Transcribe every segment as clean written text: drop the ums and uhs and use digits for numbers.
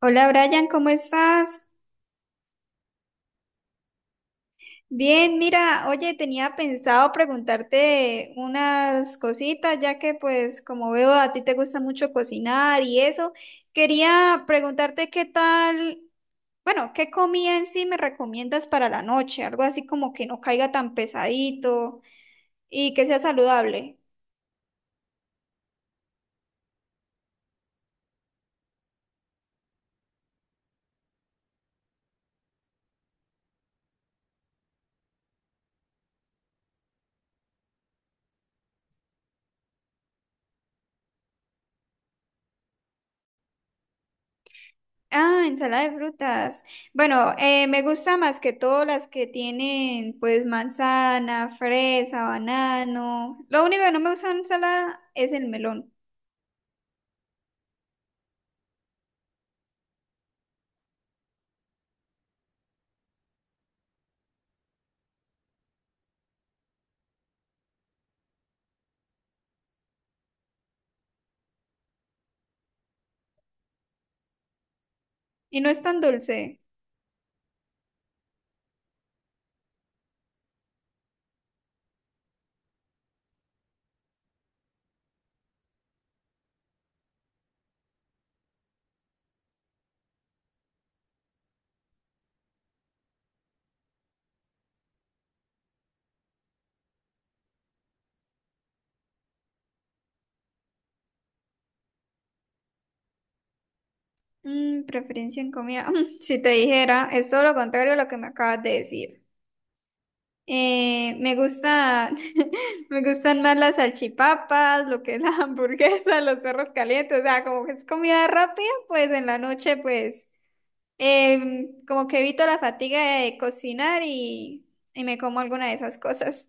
Hola Brian, ¿cómo estás? Bien, mira, oye, tenía pensado preguntarte unas cositas, ya que pues como veo a ti te gusta mucho cocinar y eso, quería preguntarte qué tal, bueno, qué comida en sí me recomiendas para la noche, algo así como que no caiga tan pesadito y que sea saludable. Ah, ensalada de frutas. Bueno, me gusta más que todo las que tienen pues manzana, fresa, banano. Lo único que no me gusta en ensalada es el melón. Y no es tan dulce. Mm, preferencia en comida. Mm, si te dijera, es todo lo contrario a lo que me acabas de decir. Me gusta, me gustan más las salchipapas, lo que es la hamburguesa, los perros calientes, o sea, como que es comida rápida, pues en la noche, pues. Como que evito la fatiga de cocinar y me como alguna de esas cosas.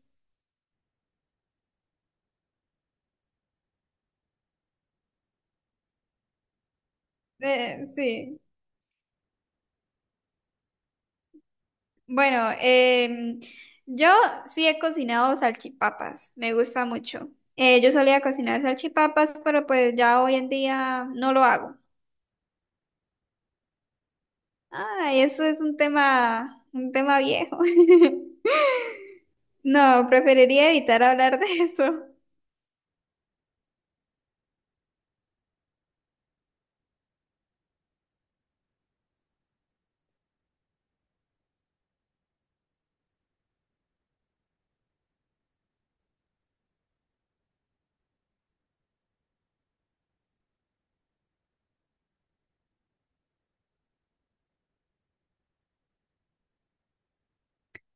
Sí. Bueno, yo sí he cocinado salchipapas, me gusta mucho. Yo solía cocinar salchipapas, pero pues ya hoy en día no lo hago. Ay, eso es un tema viejo. No, preferiría evitar hablar de eso.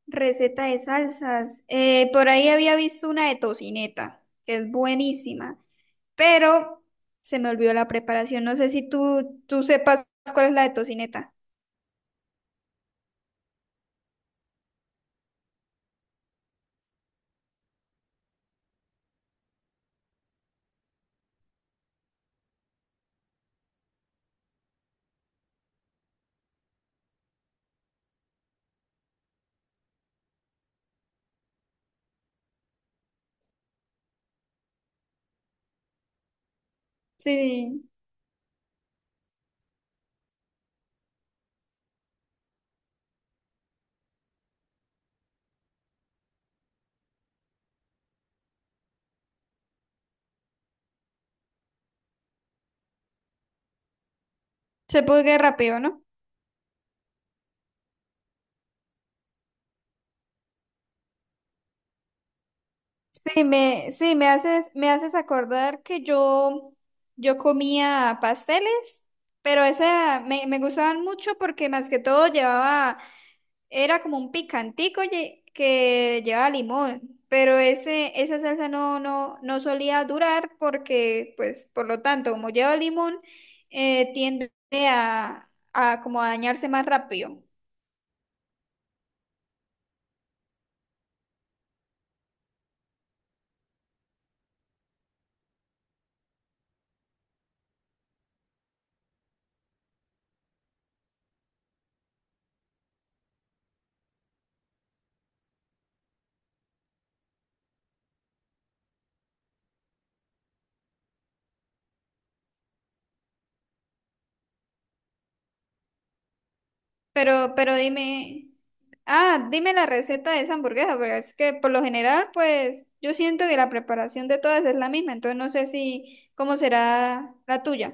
Receta de salsas. Por ahí había visto una de tocineta, que es buenísima, pero se me olvidó la preparación. No sé si tú sepas cuál es la de tocineta. Sí, se puede rápido, ¿no? Me haces acordar que yo comía pasteles, pero esa me gustaban mucho porque más que todo llevaba. Era como un picantico que llevaba limón, pero esa salsa no solía durar porque, pues, por lo tanto, como lleva limón, tiende a, a como a dañarse más rápido. Pero dime, ah, dime la receta de esa hamburguesa, porque es que por lo general, pues, yo siento que la preparación de todas es la misma, entonces no sé si, cómo será la tuya.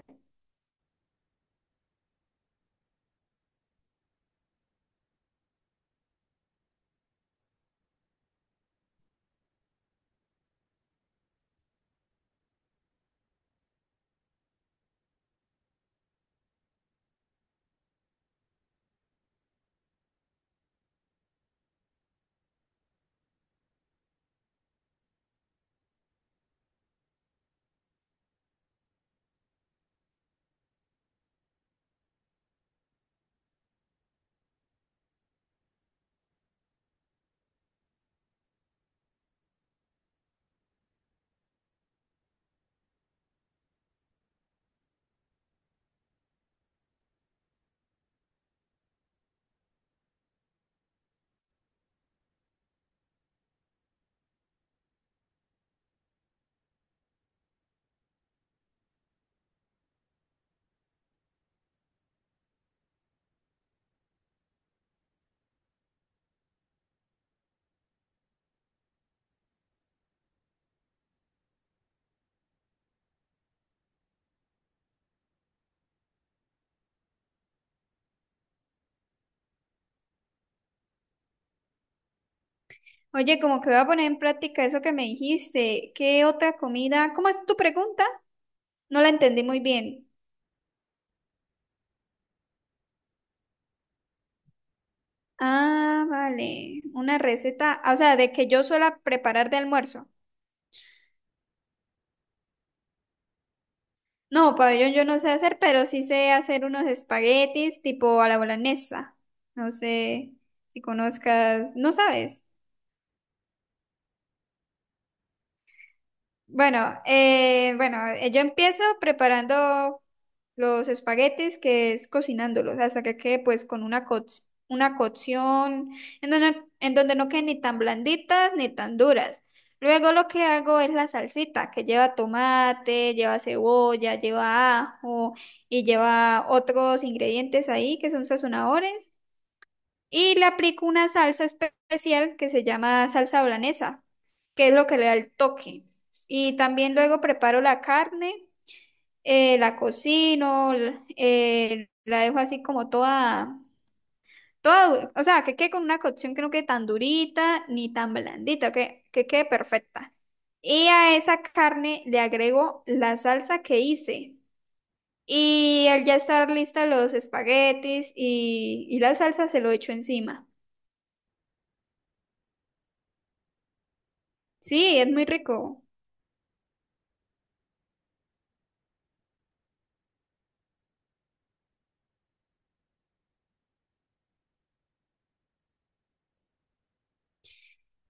Oye, como que voy a poner en práctica eso que me dijiste. ¿Qué otra comida? ¿Cómo es tu pregunta? No la entendí muy bien. Ah, vale. Una receta, ah, o sea, de que yo suela preparar de almuerzo. No, pabellón yo no sé hacer, pero sí sé hacer unos espaguetis tipo a la boloñesa. No sé si conozcas, no sabes. Bueno, yo empiezo preparando los espaguetis, que es cocinándolos, hasta que quede pues con una, una cocción en donde no queden ni tan blanditas ni tan duras. Luego lo que hago es la salsita, que lleva tomate, lleva cebolla, lleva ajo y lleva otros ingredientes ahí que son sazonadores. Y le aplico una salsa especial que se llama salsa holandesa, que es lo que le da el toque. Y también luego preparo la carne, la cocino, la dejo así como toda, o sea, que quede con una cocción que no quede tan durita ni tan blandita, que quede perfecta. Y a esa carne le agrego la salsa que hice. Y al ya estar lista los espaguetis y la salsa se lo echo encima. Sí, es muy rico.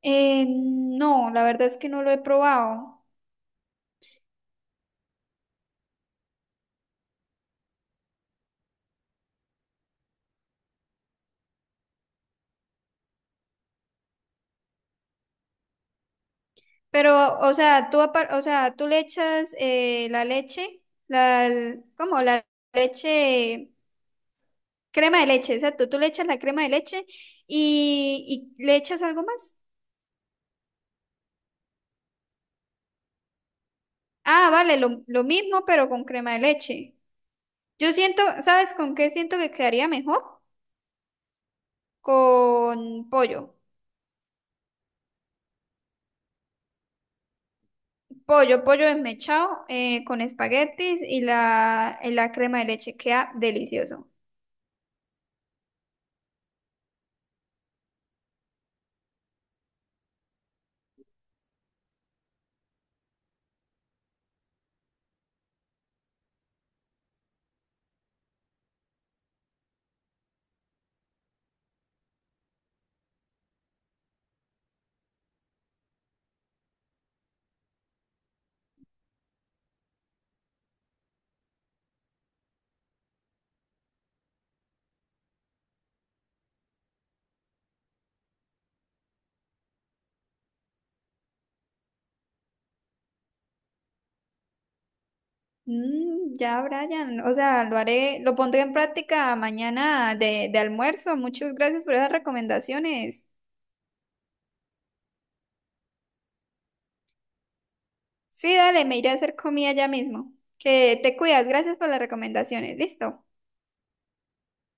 No, la verdad es que no lo he probado. Pero, o sea, o sea, tú le echas la leche, ¿cómo? La leche, crema de leche, exacto. Tú le echas la crema de leche y le echas algo más. Ah, vale, lo mismo, pero con crema de leche. Yo siento, ¿sabes con qué siento que quedaría mejor? Con pollo. Pollo desmechado con espaguetis y y la crema de leche. Queda delicioso. Mm, ya, Brian. O sea, lo haré, lo pondré en práctica mañana de almuerzo. Muchas gracias por esas recomendaciones. Sí, dale, me iré a hacer comida ya mismo. Que te cuidas. Gracias por las recomendaciones. Listo.